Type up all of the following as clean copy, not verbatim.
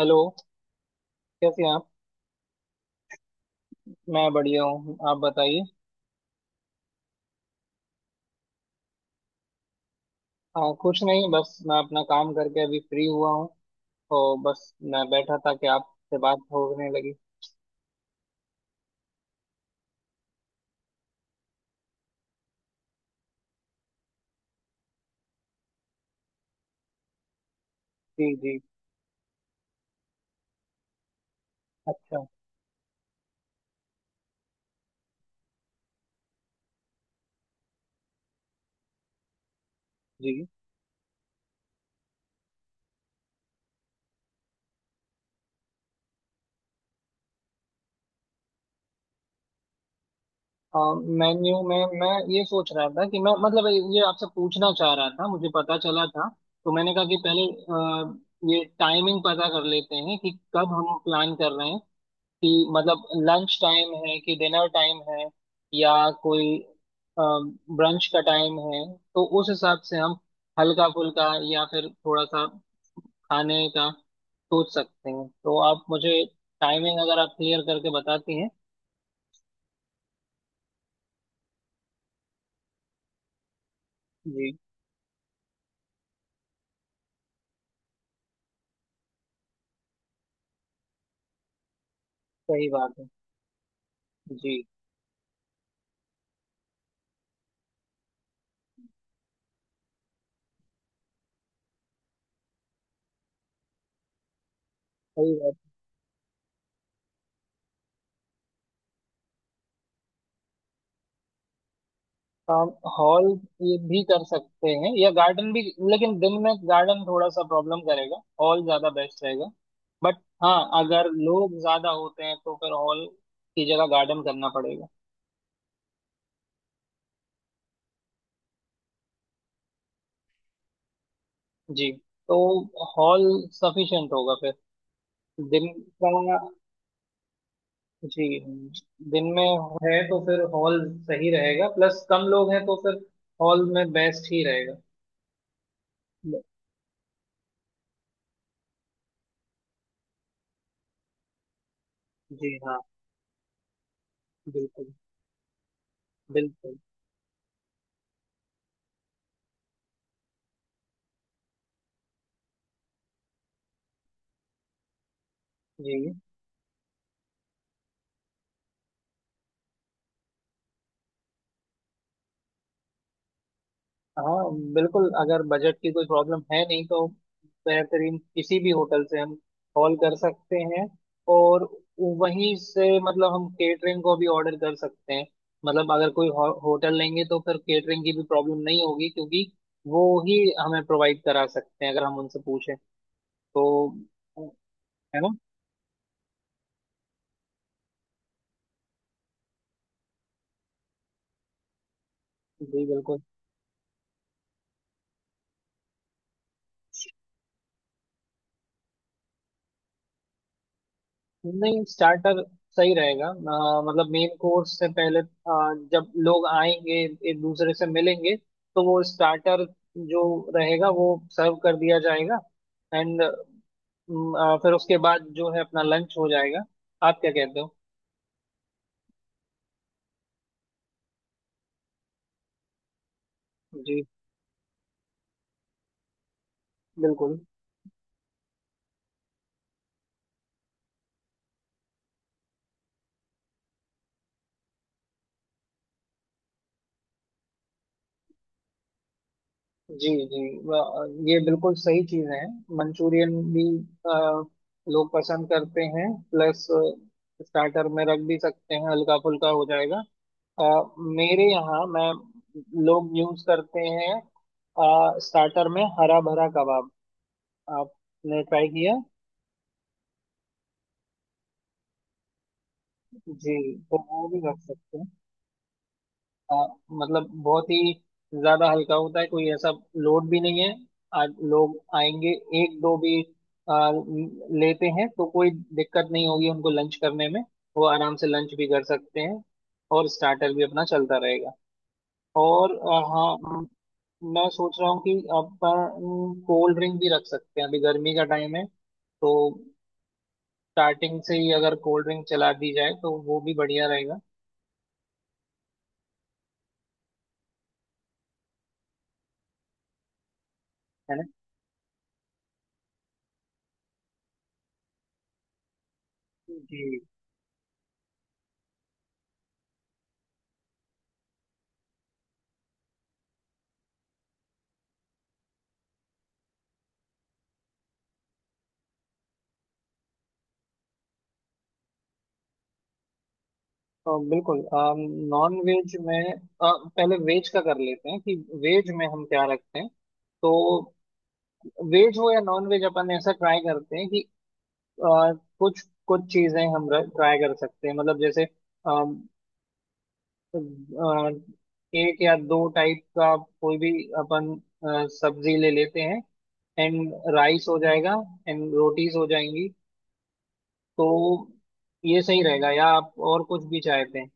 Hello. कैसे हैं आप? मैं बढ़िया हूँ, आप बताइए। हाँ, कुछ नहीं, बस मैं अपना काम करके अभी फ्री हुआ हूँ। तो बस मैं बैठा था कि आपसे बात होने लगी। जी जी। अच्छा। जी, मेन्यू में मैं ये सोच रहा था कि मैं मतलब ये आपसे पूछना चाह रहा था, मुझे पता चला था। तो मैंने कहा कि पहले ये टाइमिंग पता कर लेते हैं कि कब हम प्लान कर रहे हैं, कि मतलब लंच टाइम है कि डिनर टाइम है, या कोई ब्रंच का टाइम है। तो उस हिसाब से हम हल्का फुल्का या फिर थोड़ा सा खाने का सोच सकते हैं, तो आप मुझे टाइमिंग अगर आप क्लियर करके बताती हैं। जी। सही बात है। जी। सही बात। हम हॉल ये भी कर सकते हैं या गार्डन भी, लेकिन दिन में गार्डन थोड़ा सा प्रॉब्लम करेगा, हॉल ज्यादा बेस्ट रहेगा। बट हाँ, अगर लोग ज्यादा होते हैं तो फिर हॉल की जगह गार्डन करना पड़ेगा। जी। तो हॉल सफिशिएंट होगा फिर, दिन का। जी, दिन में है तो फिर हॉल सही रहेगा, प्लस कम लोग हैं तो फिर हॉल में बेस्ट ही रहेगा। जी हाँ, बिल्कुल। बिल्कुल। जी हाँ, बिल्कुल अगर बजट की कोई प्रॉब्लम है नहीं तो बेहतरीन किसी भी होटल से हम कॉल कर सकते हैं। और वहीं से मतलब हम केटरिंग को भी ऑर्डर कर सकते हैं। मतलब अगर होटल लेंगे तो फिर केटरिंग की भी प्रॉब्लम नहीं होगी, क्योंकि वो ही हमें प्रोवाइड करा सकते हैं अगर हम उनसे पूछें तो। है ना? जी बिल्कुल। नहीं, स्टार्टर सही रहेगा। मतलब मेन कोर्स से पहले, जब लोग आएंगे, एक दूसरे से मिलेंगे, तो वो स्टार्टर जो रहेगा वो सर्व कर दिया जाएगा। एंड फिर उसके बाद जो है अपना लंच हो जाएगा। आप क्या कहते हो? जी बिल्कुल। जी जी, ये बिल्कुल सही चीज है। मंचूरियन भी अ, लोग पसंद करते हैं, प्लस स्टार्टर में रख भी सकते हैं, हल्का फुल्का हो जाएगा। अ, मेरे यहाँ मैं लोग यूज करते हैं स्टार्टर में हरा भरा कबाब, आपने ट्राई किया? जी, तो वो भी रख सकते हैं, अ, मतलब बहुत ही ज्यादा हल्का होता है, कोई ऐसा लोड भी नहीं है। आज लोग आएंगे, एक दो भी लेते हैं तो कोई दिक्कत नहीं होगी उनको लंच करने में। वो आराम से लंच भी कर सकते हैं, और स्टार्टर भी अपना चलता रहेगा। और हाँ, म, मैं सोच रहा हूँ कि अपन कोल्ड ड्रिंक भी रख सकते हैं, अभी गर्मी का टाइम है। तो स्टार्टिंग से ही अगर कोल्ड ड्रिंक चला दी जाए तो वो भी बढ़िया रहेगा, है ना? जी। बिल्कुल नॉन वेज में, पहले वेज का कर लेते हैं कि वेज में हम क्या रखते हैं। तो वेज हो या नॉन वेज, अपन ऐसा ट्राई करते हैं कि अ, कुछ कुछ चीजें हम ट्राई कर सकते हैं, मतलब जैसे अ, एक या दो टाइप का कोई भी अपन सब्जी ले लेते हैं, एंड राइस हो जाएगा, एंड रोटीज हो जाएंगी। तो ये सही रहेगा, या आप और कुछ भी चाहते हैं?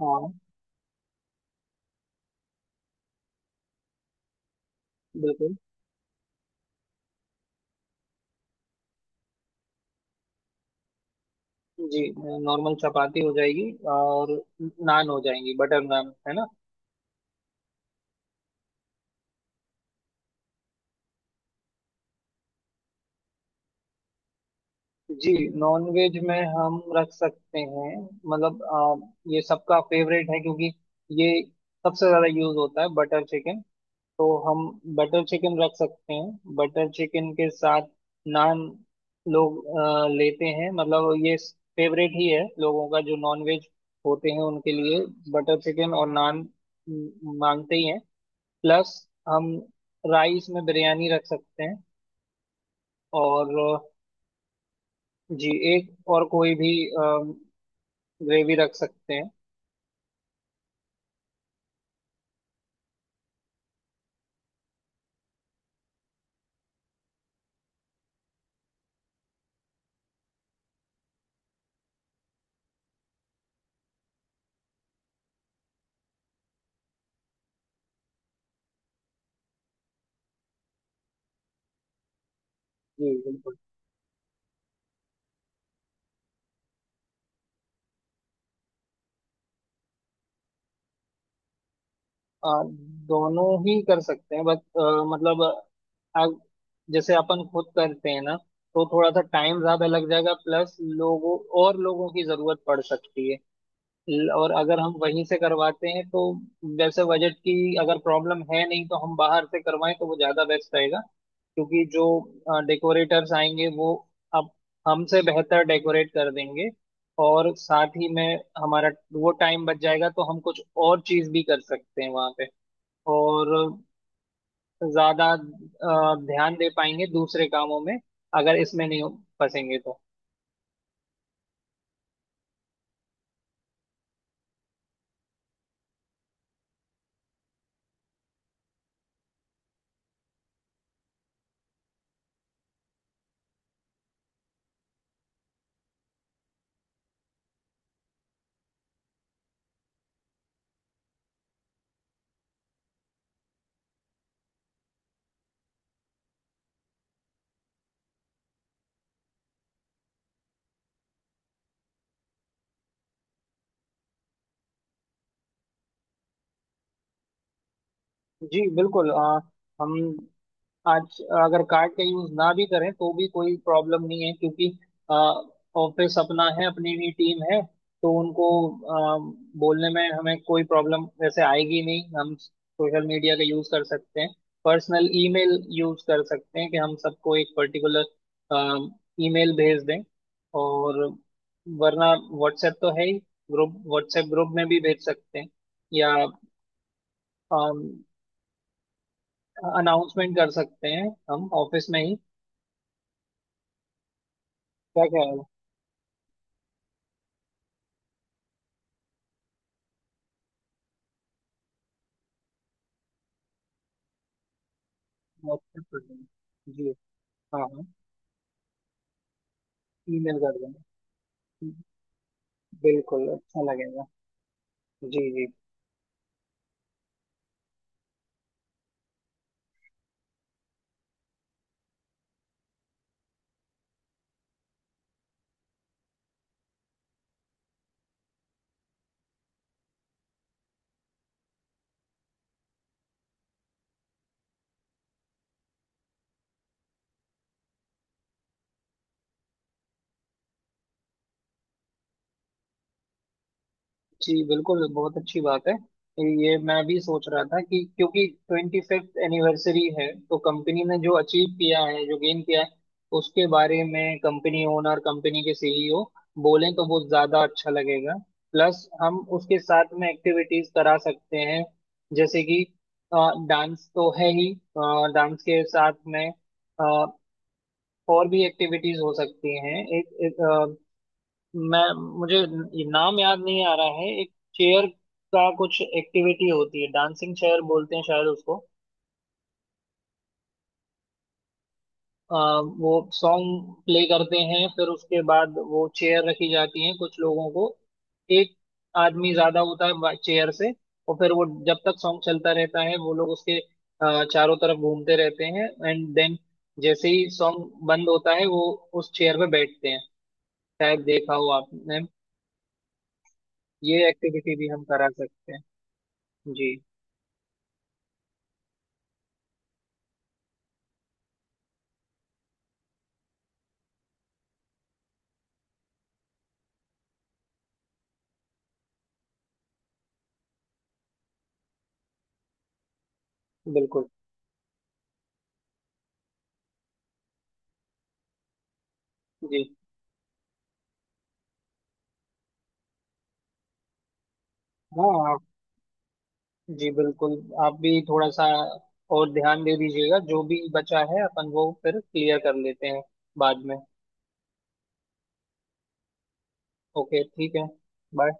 हाँ, बिल्कुल। जी, नॉर्मल चपाती हो जाएगी, और नान हो जाएंगी, बटर नान, है ना? जी, नॉन वेज में हम रख सकते हैं, मतलब ये सबका फेवरेट है, क्योंकि ये सबसे ज्यादा यूज होता है, बटर चिकन। तो हम बटर चिकन रख सकते हैं। बटर चिकन के साथ नान लोग लेते हैं, मतलब ये फेवरेट ही है, लोगों का जो नॉन वेज होते हैं उनके लिए, बटर चिकन और नान मांगते ही हैं। प्लस हम राइस में बिरयानी रख सकते हैं। और जी, एक और कोई भी ग्रेवी रख सकते हैं। जी बिल्कुल। आ, दोनों ही कर सकते हैं, बस मतलब, अग- जैसे अपन खुद करते हैं ना, तो थोड़ा सा टाइम ज्यादा लग जाएगा, प्लस लोगों, और लोगों की जरूरत पड़ सकती है। और अगर हम वहीं से करवाते हैं तो, वैसे बजट की अगर प्रॉब्लम है नहीं तो हम बाहर से करवाएं तो वो ज्यादा बेस्ट रहेगा। क्योंकि जो डेकोरेटर्स आएंगे वो अब हमसे बेहतर डेकोरेट कर देंगे, और साथ ही में हमारा वो टाइम बच जाएगा तो हम कुछ और चीज भी कर सकते हैं वहां पे, और ज्यादा ध्यान दे पाएंगे दूसरे कामों में अगर इसमें नहीं फंसेंगे तो। जी बिल्कुल। हम आज अगर कार्ड का यूज ना भी करें तो भी कोई प्रॉब्लम नहीं है, क्योंकि ऑफिस अपना है, अपनी भी टीम है। तो उनको आ, बोलने में हमें कोई प्रॉब्लम वैसे आएगी नहीं। हम सोशल मीडिया का यूज कर सकते हैं, पर्सनल ईमेल यूज कर सकते हैं, कि हम सबको एक पर्टिकुलर ईमेल भेज दें। और वरना व्हाट्सएप तो है ही, ग्रुप, व्हाट्सएप ग्रुप में भी भेज सकते हैं, या अनाउंसमेंट कर सकते हैं हम ऑफिस में ही। क्या क्या व्हाट्सएप कर देना। जी, हाँ हाँ, ईमेल कर देना, बिल्कुल अच्छा लगेगा। जी जी। जी बिल्कुल, बहुत अच्छी बात है। ये मैं भी सोच रहा था कि क्योंकि 25th एनिवर्सरी है, तो कंपनी ने जो अचीव किया है, जो गेन किया है, उसके बारे में कंपनी ओनर, कंपनी के सीईओ बोलें तो वो ज्यादा अच्छा लगेगा। प्लस हम उसके साथ में एक्टिविटीज करा सकते हैं, जैसे कि डांस तो है ही, डांस के साथ में और भी एक्टिविटीज हो सकती हैं। एक मैं मुझे ये नाम याद नहीं आ रहा है, एक चेयर का कुछ एक्टिविटी होती है, डांसिंग चेयर बोलते हैं शायद उसको। अ, वो सॉन्ग प्ले करते हैं, फिर उसके बाद वो चेयर रखी जाती है, कुछ लोगों को एक आदमी ज्यादा होता है चेयर से। और फिर वो जब तक सॉन्ग चलता रहता है वो लोग उसके चारों तरफ घूमते रहते हैं, एंड देन जैसे ही सॉन्ग बंद होता है वो उस चेयर पे बैठते हैं। शायद देखा हो आपने। ये एक्टिविटी भी हम करा सकते हैं। जी बिल्कुल। जी हाँ, आप, जी बिल्कुल, आप भी थोड़ा सा और ध्यान दे दीजिएगा, जो भी बचा है अपन वो फिर क्लियर कर लेते हैं बाद में। ओके, ठीक है। बाय।